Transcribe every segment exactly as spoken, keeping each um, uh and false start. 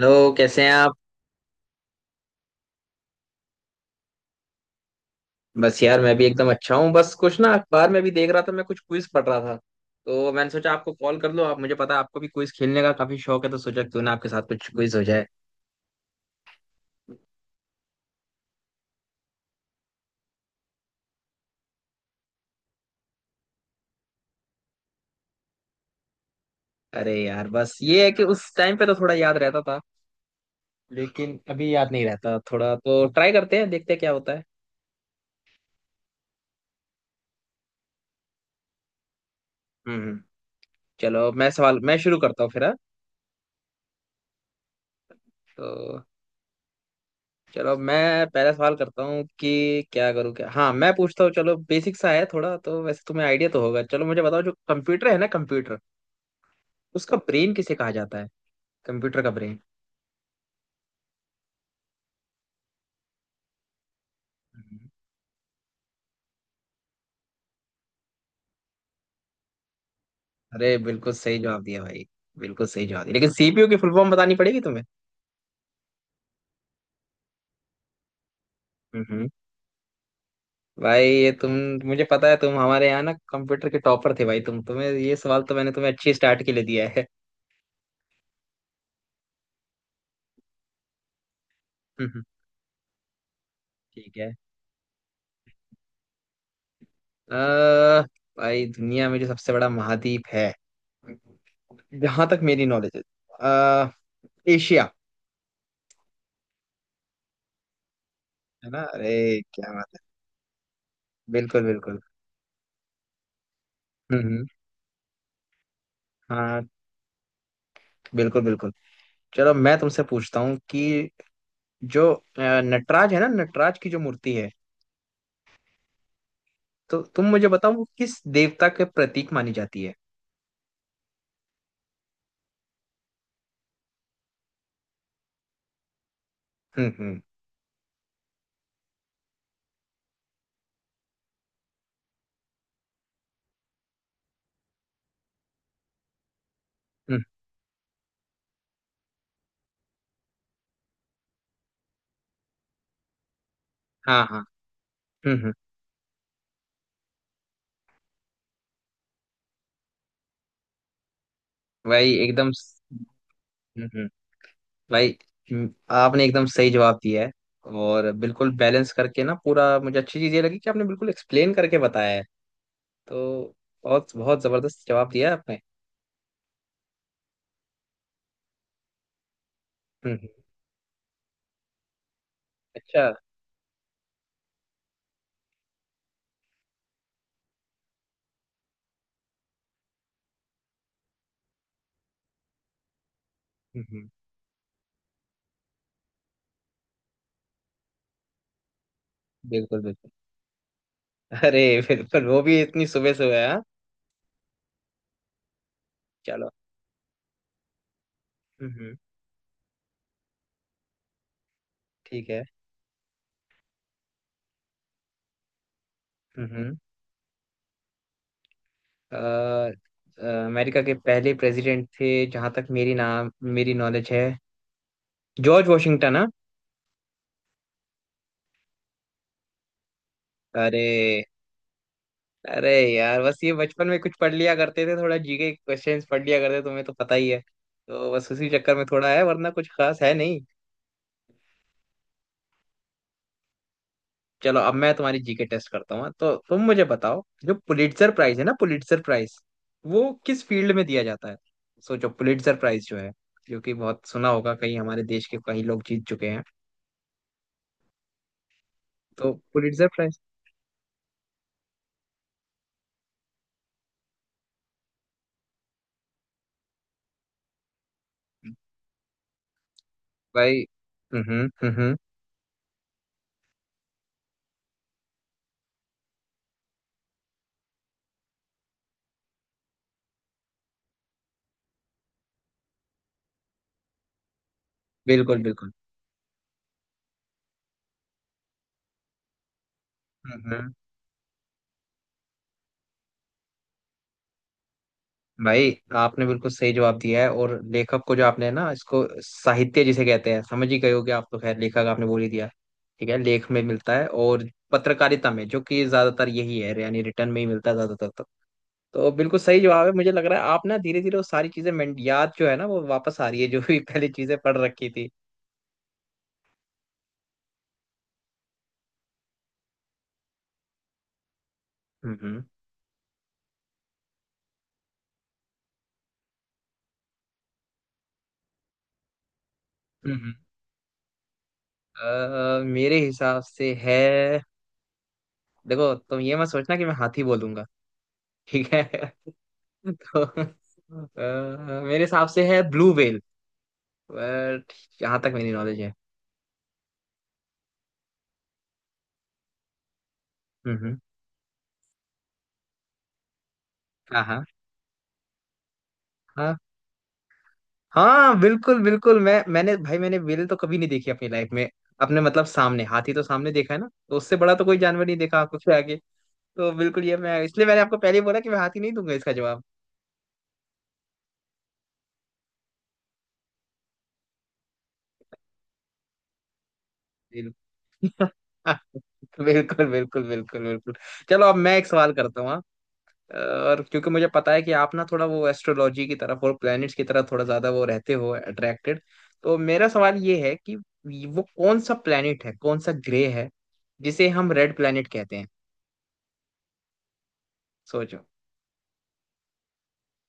Hello, कैसे हैं आप? बस यार, मैं भी एकदम अच्छा हूँ। बस कुछ ना, अखबार में भी देख रहा था, मैं कुछ क्विज पढ़ रहा था, तो मैंने सोचा आपको कॉल कर लो। आप, मुझे पता है आपको भी क्विज खेलने का काफी शौक है, तो सोचा क्यों ना आपके साथ कुछ क्विज हो जाए। अरे यार, बस ये है कि उस टाइम पे तो थोड़ा याद रहता था, लेकिन अभी याद नहीं रहता। थोड़ा तो ट्राई करते हैं, देखते हैं क्या होता है। हम्म हम्म। चलो मैं सवाल मैं शुरू करता हूँ फिर, हाँ? तो चलो, मैं पहला सवाल करता हूँ कि क्या करूँ, क्या, हाँ मैं पूछता हूँ। चलो, बेसिक सा है थोड़ा, तो वैसे तुम्हें आइडिया तो होगा। चलो मुझे बताओ, जो कंप्यूटर है ना, कंप्यूटर उसका ब्रेन किसे कहा जाता है? कंप्यूटर का ब्रेन। हम्म। अरे बिल्कुल सही जवाब दिया भाई, बिल्कुल सही जवाब दिया, लेकिन सीपीयू की फुल फॉर्म बतानी पड़ेगी तुम्हें। हम्म। भाई ये तुम मुझे पता है तुम हमारे यहाँ ना कंप्यूटर के टॉपर थे भाई, तुम तुम्हें ये सवाल तो मैंने तुम्हें अच्छी स्टार्ट के लिए दिया है। हम्म, ठीक है। अ भाई, दुनिया में जो सबसे बड़ा महाद्वीप है, जहां तक मेरी नॉलेज है, अ, एशिया। है ना? अरे क्या बात है! बिल्कुल बिल्कुल। हम्म हम्म, हाँ बिल्कुल बिल्कुल। चलो मैं तुमसे पूछता हूँ कि जो अ, नटराज है ना, नटराज की जो मूर्ति है, तो तुम मुझे बताओ वो किस देवता के प्रतीक मानी जाती है? हम्म हम्म। हम्म, हाँ हाँ। हम्म हम्म। भाई एकदम स- हम्म हम्म। भाई, हम्म, आपने एकदम सही जवाब दिया है, और बिल्कुल बैलेंस करके ना पूरा, मुझे अच्छी चीज ये लगी कि आपने बिल्कुल एक्सप्लेन करके बताया है। तो बहुत बहुत जबरदस्त जवाब दिया है आपने। हम्म हम्म, अच्छा। हम्म हम्म, बिल्कुल बिल्कुल। अरे बिल्कुल, वो भी इतनी सुबह सुबह, हाँ। चलो। हम्म हम्म, ठीक है। हम्म हम्म। अ, अ, अमेरिका के पहले प्रेसिडेंट थे, जहां तक मेरी नाम मेरी नॉलेज है, जॉर्ज वॉशिंगटन, हाँ। अरे, अरे यार बस ये बचपन में कुछ पढ़ लिया करते थे, थोड़ा जीके क्वेश्चंस पढ़ लिया करते, तुम्हें तो पता ही है, तो बस उसी चक्कर में थोड़ा है, वरना कुछ खास है नहीं। चलो अब मैं तुम्हारी जीके टेस्ट करता हूँ, हाँ। तो तुम मुझे बताओ, जो पुलिट्जर प्राइज है ना, पुलिट्जर प्राइज, वो किस फील्ड में दिया जाता है? सोचो, पुलिट्जर प्राइज जो है, जो कि बहुत सुना होगा, कहीं हमारे देश के कई लोग जीत चुके हैं। तो पुलिट्जर प्राइज। भाई, हम्म हम्म। बिल्कुल बिल्कुल। हम्म। भाई, आपने बिल्कुल सही जवाब दिया है, और लेखक को जो आपने ना, इसको साहित्य जिसे कहते हैं, समझ ही गए हो कि आप, तो खैर लेखक आपने बोल ही दिया, ठीक है, लेख में मिलता है और पत्रकारिता में, जो कि ज्यादातर यही है, यानी रिटर्न में ही मिलता है ज्यादातर। तो तो बिल्कुल सही जवाब है। मुझे लग रहा है आप ना धीरे धीरे वो सारी चीजें मैं- याद जो है ना वो वापस आ रही है, जो भी पहले चीजें पढ़ रखी थी। हम्म हम्म। हम्म, हम्म। अ, मेरे हिसाब से है, देखो तुम ये मत सोचना कि मैं हाथी बोलूंगा, ठीक है। तो अ, मेरे हिसाब से है ब्लू व्हेल, बट यहाँ तक मेरी नॉलेज है। हम्म हम्म, हाँ हाँ। हाँ। हाँ बिल्कुल बिल्कुल, मैं मैंने भाई मैंने व्हेल तो कभी नहीं देखी अपनी लाइफ में, अपने मतलब सामने। हाथी तो सामने देखा है ना, तो उससे बड़ा तो कोई जानवर नहीं देखा आपको फिर आगे। तो बिल्कुल ये मैं इसलिए मैंने आपको पहले ही बोला कि मैं हाथी नहीं दूंगा इसका जवाब। बिल्कुल। बिल्कुल बिल्कुल बिल्कुल बिल्कुल। चलो अब मैं एक सवाल करता हूँ, हाँ। और क्योंकि मुझे पता है कि आप ना थोड़ा वो एस्ट्रोलॉजी की तरफ और प्लैनेट्स की तरफ थोड़ा ज्यादा वो रहते हो अट्रैक्टेड, तो मेरा सवाल ये है कि वो कौन सा प्लैनेट है, कौन सा ग्रे है जिसे हम रेड प्लैनेट कहते हैं? सोचो।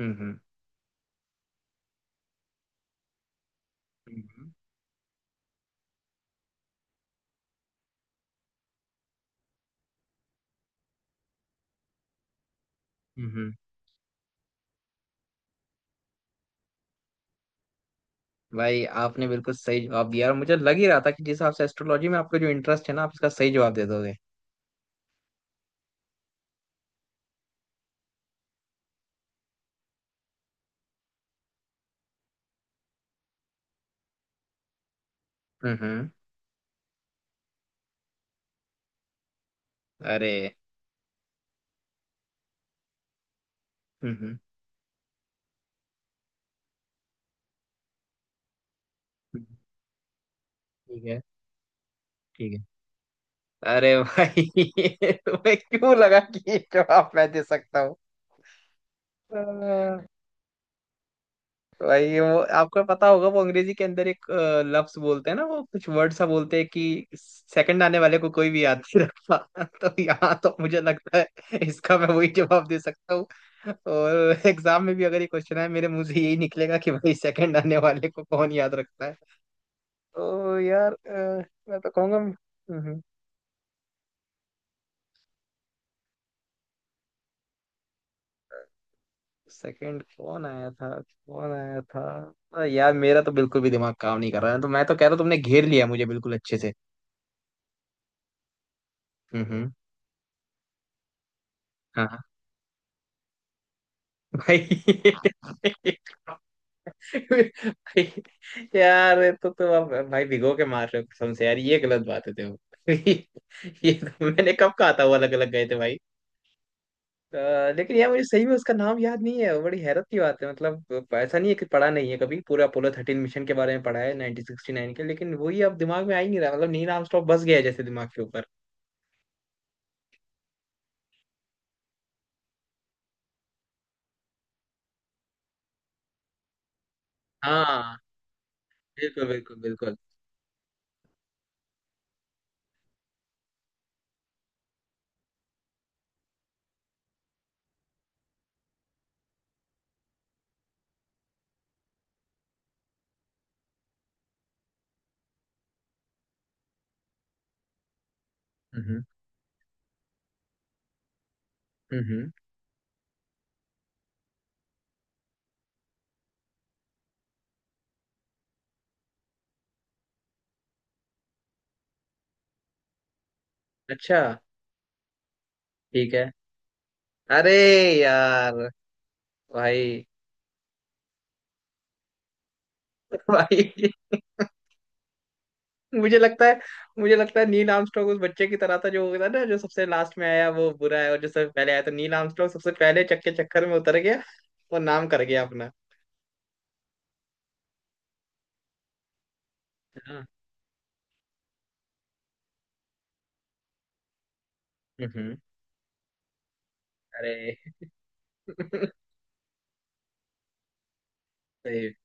हम्म हम्म। हम्म हम्म। भाई, आपने बिल्कुल सही जवाब दिया, और मुझे लग ही रहा था कि जिस हिसाब से एस्ट्रोलॉजी में आपका जो इंटरेस्ट है ना, आप इसका सही जवाब दे दोगे। हम्म हम्म। अरे! हम्म हम्म। हम्म। ठीक है। ठीक है। अरे भाई, तुम्हें क्यों लगा कि ये जवाब मैं दे सकता हूँ? भाई, वो आपको पता होगा, वो अंग्रेजी के अंदर एक अ, लफ्ज बोलते हैं ना, वो कुछ वर्ड सा बोलते हैं कि सेकंड आने वाले को कोई भी याद नहीं रखता। तो यहाँ तो मुझे लगता है इसका मैं वही जवाब दे सकता हूँ। और एग्जाम में भी अगर ये क्वेश्चन है, मेरे मुंह से यही निकलेगा कि भाई, सेकंड आने वाले को कौन याद रखता है? तो यार अ, मैं तो कहूंगा, सेकंड कौन आया था, कौन आया था? अ, यार मेरा तो बिल्कुल भी दिमाग काम नहीं कर रहा है, तो मैं तो कह रहा हूँ तुमने घेर लिया मुझे बिल्कुल अच्छे से। हम्म हम्म। भाई, भाई यार, ये तो तुम अब भाई भिगो के मार रहे हो कसम से। यार ये गलत बात है, देखो। ये तो मैंने कब कहा था वो अलग अलग गए थे भाई। अ, लेकिन यार मुझे सही में उसका नाम याद नहीं है, बड़ी हैरत की बात है। मतलब ऐसा नहीं है कि पढ़ा नहीं है, कभी पूरा अपोलो थर्टीन मिशन के बारे में पढ़ा है नाइनटीन सिक्सटी नाइन के, लेकिन वही अब दिमाग में आ ही नहीं रहा। मतलब नील आर्मस्ट्रॉन्ग बस गया है जैसे दिमाग के ऊपर। हाँ बिल्कुल बिल्कुल बिल्कुल। हम्म हम्म। हम्म। अच्छा। ठीक है। अरे यार। भाई। भाई, मुझे लगता है, मुझे लगता है नील आर्मस्ट्रांग उस बच्चे की तरह था जो था ना, जो सबसे लास्ट में आया वो बुरा है, और जो सबसे पहले आया, तो नील आर्मस्ट्रांग सबसे पहले चक्के चक्कर में उतर गया और नाम कर गया अपना। हाँ। हम्म। अरे! सही,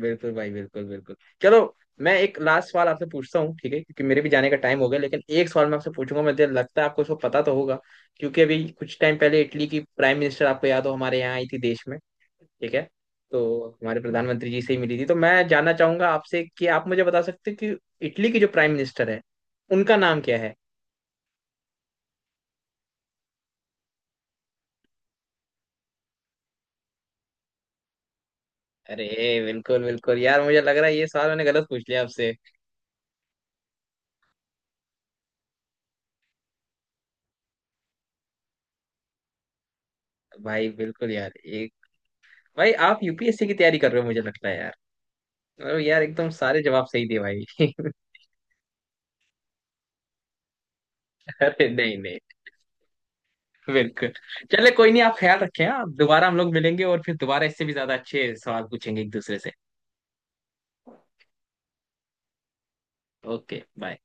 बिल्कुल भाई, बिल्कुल बिल्कुल। चलो मैं एक लास्ट सवाल आपसे पूछता हूँ, ठीक है, क्योंकि मेरे भी जाने का टाइम हो गया, लेकिन एक सवाल मैं आपसे पूछूंगा, मुझे लगता है आपको उसको पता तो होगा। क्योंकि अभी कुछ टाइम पहले इटली की प्राइम मिनिस्टर, आपको याद हो, हमारे यहाँ आई थी देश में, ठीक है, तो हमारे प्रधानमंत्री जी से ही मिली थी। तो मैं जानना चाहूंगा आपसे कि आप मुझे बता सकते हैं कि इटली की जो प्राइम मिनिस्टर है, उनका नाम क्या है? अरे बिल्कुल बिल्कुल, यार मुझे लग रहा है ये सवाल मैंने गलत पूछ लिया आपसे। भाई बिल्कुल यार, एक, भाई आप यूपीएससी की तैयारी कर रहे हो मुझे लगता है यार। अरे यार एकदम सारे जवाब सही दिए भाई। अरे नहीं नहीं, बिल्कुल। चले, कोई नहीं, आप ख्याल रखें, आप दोबारा हम लोग मिलेंगे, और फिर दोबारा इससे भी ज्यादा अच्छे सवाल पूछेंगे एक दूसरे से। Okay, bye.